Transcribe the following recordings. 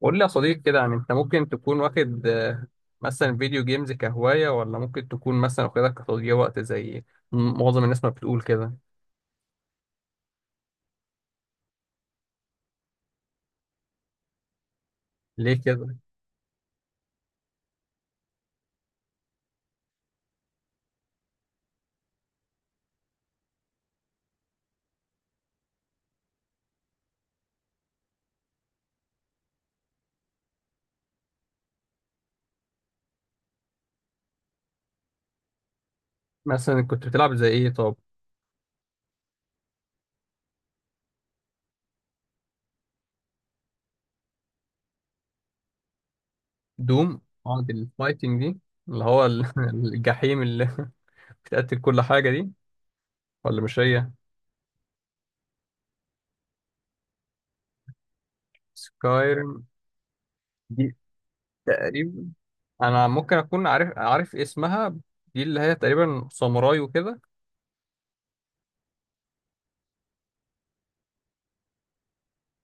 قول لي يا صديق كده، يعني انت ممكن تكون واخد مثلا فيديو جيمز كهواية، ولا ممكن تكون مثلا واخدها كتضييع وقت زي معظم الناس ما بتقول كده؟ ليه كده؟ مثلا كنت بتلعب زي ايه طب؟ دوم قعد الفايتنج دي؟ اللي هو الجحيم اللي بتقتل كل حاجة دي، ولا مش هي؟ سكايرم دي تقريبا انا ممكن اكون عارف اسمها. دي اللي هي تقريبا ساموراي وكده.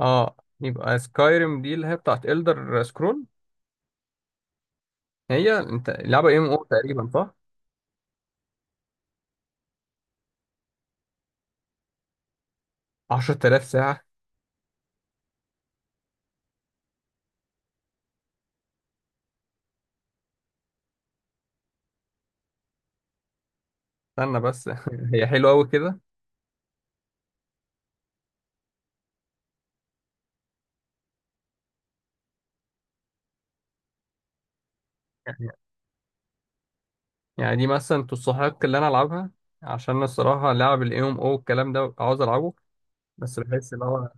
اه، يبقى سكايرم دي اللي هي بتاعت إلدر سكرول. هي انت لعبة ام او تقريبا، صح؟ 10,000 ساعة؟ استنى بس هي حلوة قوي كده؟ يعني يعني دي مثلا تستحق اللي انا العبها؟ عشان الصراحة لعب الام او الكلام ده عاوز العبه، بس بحس ان هو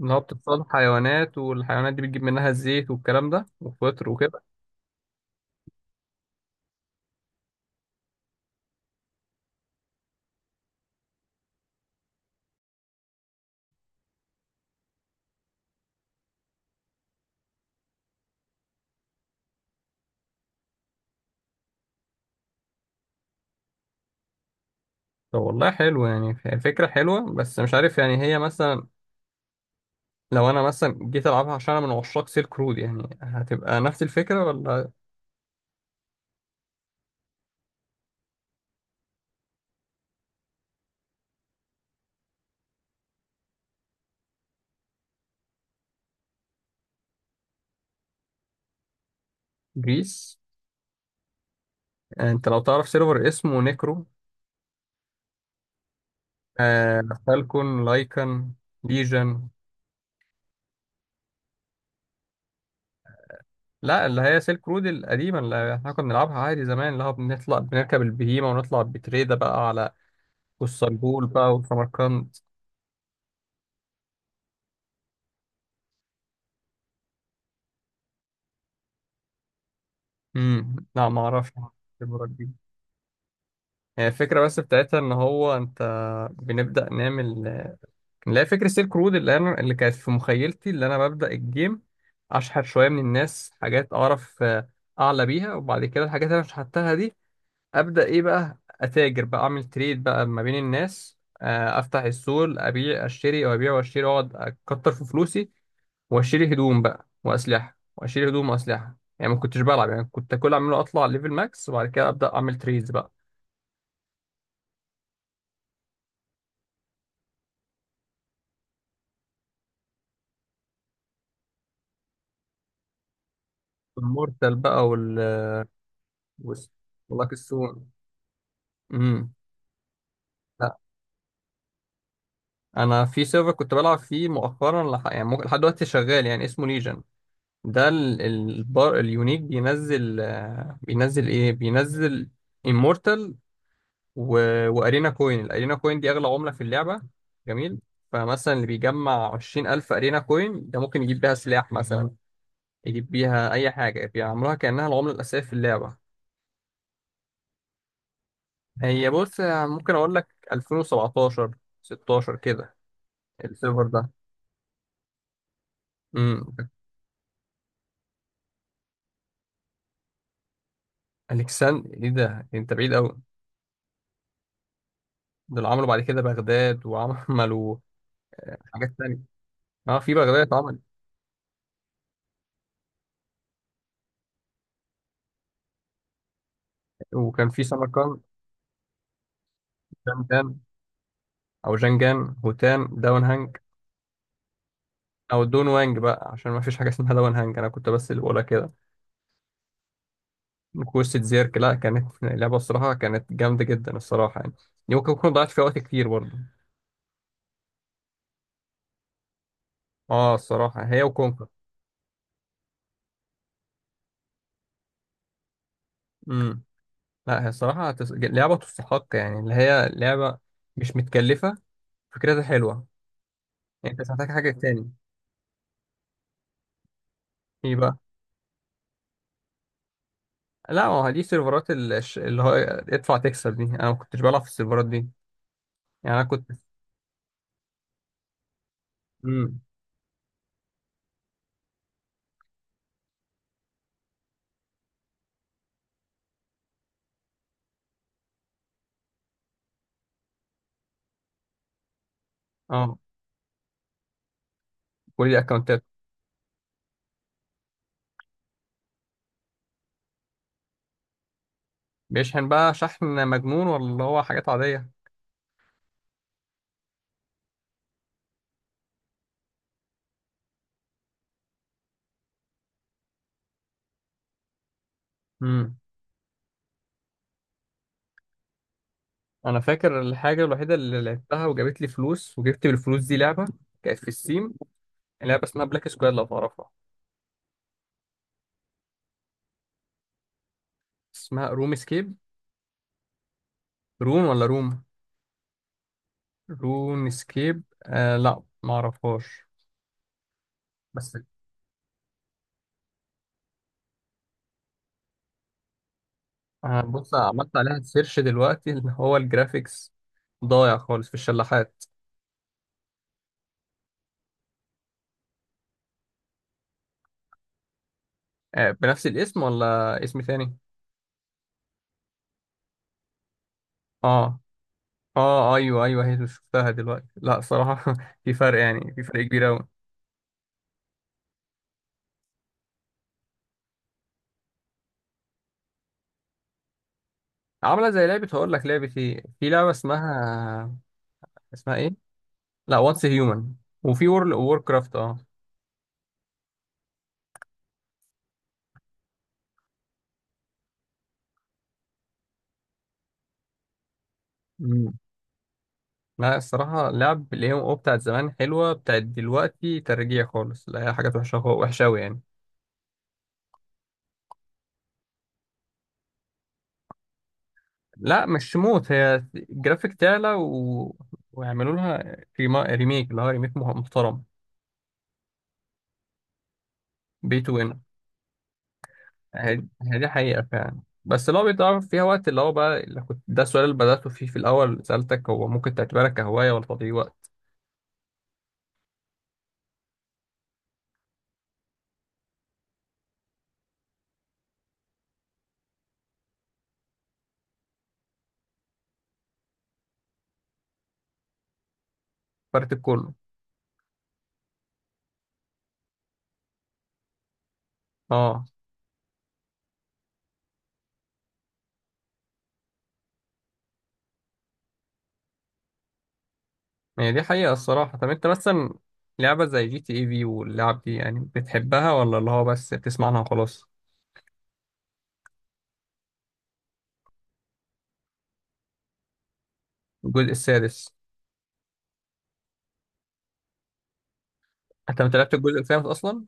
ان هو بتتصاد حيوانات، والحيوانات دي بتجيب منها الزيت والكلام ده وفطر وكده. طب والله حلو، يعني هي فكرة حلوة، بس مش عارف يعني هي مثلا لو انا مثلا جيت العبها عشان انا من عشاق سيلك رود، يعني هتبقى نفس الفكرة ولا؟ جريس. انت لو تعرف سيرفر اسمه نيكرو؟ آه، فالكون لايكن؟ ليجن. لا، اللي هي سيلك رود القديمة اللي احنا كنا بنلعبها عادي زمان، اللي هو بنطلع بنركب البهيمة ونطلع بتريدة بقى على والصلبول بقى وسمرقند. امم، لا ما اعرفش. الخبرة دي، هي الفكرة بس بتاعتها ان هو انت بنبدأ نعمل، اللي هي فكرة سيلك رود اللي انا اللي كانت في مخيلتي اللي انا ببدأ الجيم، اشحت شوية من الناس حاجات اعرف اعلى بيها، وبعد كده الحاجات اللي انا شحتها دي، ابدا ايه بقى؟ اتاجر بقى، اعمل تريد بقى ما بين الناس، افتح السوق، ابيع اشتري وابيع واشتري، واقعد اكتر في فلوسي، واشتري هدوم بقى واسلحه، واشتري هدوم واسلحه. يعني ما كنتش بلعب، يعني كنت كل اعمله اطلع ليفل ماكس وبعد كده ابدا اعمل تريدز بقى. المورتال بقى وال، واللاك السون. امم. لا انا في سيرفر كنت بلعب فيه مؤخرا، يعني ممكن لحد دلوقتي شغال، يعني اسمه ليجن. ده البار اليونيك بينزل، بينزل ايه؟ بينزل immortal و... وارينا كوين. الارينا كوين دي اغلى عمله في اللعبه، جميل. فمثلا اللي بيجمع 20,000 ارينا كوين ده ممكن يجيب بيها سلاح مثلا، يجيب بيها اي حاجه، بيعملوها كانها العمله الاساسيه في اللعبه. هي بص، ممكن اقول لك 2017، 16 كده السيرفر ده. امم. الكسان ايه ده؟ انت بعيد قوي. دول عملوا بعد كده بغداد، وعملوا حاجات تانية. اه في بغداد اتعمل، وكان في سمرقند. جان جان او جنجان. هوتان داون هانج. او دون وانج بقى، عشان ما فيش حاجه اسمها دون هانج، انا كنت بس اللي بقولها كده. كوسة زيرك، لا كانت لعبه الصراحه، كانت جامده جدا الصراحه يعني. دي ممكن اكون ضيعت فيها وقت كتير برضه. اه الصراحه، هي وكونكر. امم. لا هي الصراحه لعبه تستحق، يعني اللي هي لعبه مش متكلفه، فكرتها حلوه، يعني انت مش محتاج حاجه تاني. ايه بقى؟ لا ما هو دي سيرفرات اللي هو ادفع تكسب، دي انا ما كنتش بلعب في السيرفرات دي، يعني انا كنت. امم. اه كل دي اكونتات. بيشحن بقى شحن مجنون، ولا هو حاجات عاديه؟ امم. انا فاكر الحاجه الوحيده اللي لعبتها وجابت لي فلوس، وجبت بالفلوس دي لعبه كانت في السيم، لعبه اسمها بلاك سكوير، لو تعرفها. اسمها روم سكيب؟ رون ولا روم؟ رون سكيب، آه لا ما اعرفهاش. بس آه، بص عملت عليها سيرش دلوقتي، اللي هو الجرافيكس ضايع خالص في الشلاحات. آه بنفس الاسم ولا اسم تاني؟ اه. اه ايوه ايوه، هي شفتها دلوقتي لا صراحه في فرق، يعني في فرق كبير قوي. عامله زي لعبه، هقول لك لعبه ايه، في لعبه اسمها، اسمها ايه؟ لا، واتس هيومن. وفي وورل وور كرافت اه. مم. لا الصراحه لعب الاي ام او بتاعت زمان حلوه، بتاعت دلوقتي ترجيع خالص، لا هي حاجات وحشه، وحشه قوي يعني. لا مش موت، هي الجرافيك تعلى ويعملوا لها ريميك، اللي هو ريميك محترم. بي تو ان. هي هي دي حقيقه فعلا، بس اللي هو بيتعرف فيها وقت، اللي هو بقى اللي كنت ده السؤال اللي بدأته فيه في الأول، سألتك هو ممكن تعتبرها كهواية ولا تضييع وقت؟ فرق كله. اه هي دي حقيقة الصراحة. طب انت مثلا لعبة زي جي تي اي في واللعب دي، يعني بتحبها ولا اللي هو بس بتسمع عنها وخلاص؟ الجزء السادس؟ انت ما لعبت الجزء الخامس اصلا؟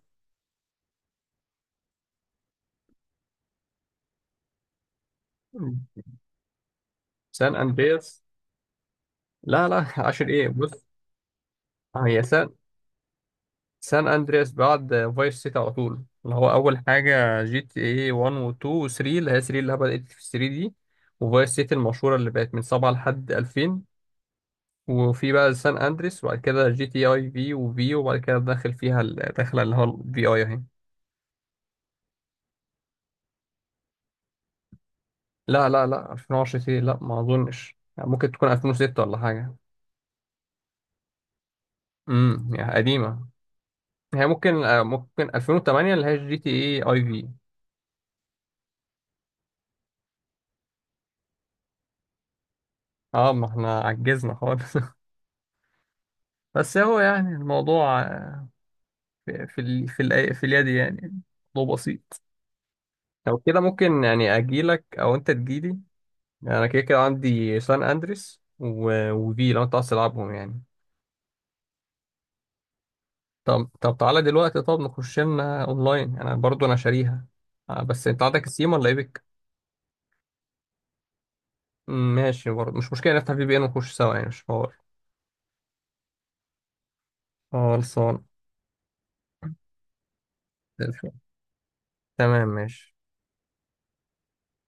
سان اندرياس. لا لا عشر ايه؟ بص هي سان، سان اندرياس بعد فايس سيتي على طول، اللي هو اول حاجة جي تي اي 1 و 2 و 3، اللي هي 3 اللي هي بدأت في 3 دي، وفايس سيتي المشهورة اللي بقت من 7 لحد 2000، وفي بقى سان اندريس، وبعد كده جي تي اي في، وفي وبعد كده داخل فيها الداخله اللي هو الفي اي اهي. لا لا لا، 2010 ايه؟ لا ما اظنش، يعني ممكن تكون 2006 ولا حاجه. امم، يعني قديمه. هي ممكن ممكن 2008، اللي هي جي تي اي اي في. اه ما احنا عجزنا خالص بس هو يعني الموضوع في في اليد يعني، موضوع بسيط. لو كده ممكن يعني اجيلك او انت تجيلي. انا كده كده عندي سان اندريس وفي، لو انت عايز تلعبهم يعني. طب طب تعالى دلوقتي، طب نخش لنا اونلاين، انا برضو انا شاريها. بس انت عندك السيم ولا ايبك؟ مم، ماشي برضو مش مشكله، نفتح في بي ان ونخش سوا، يعني مش حوار. خلصان. تمام ماشي.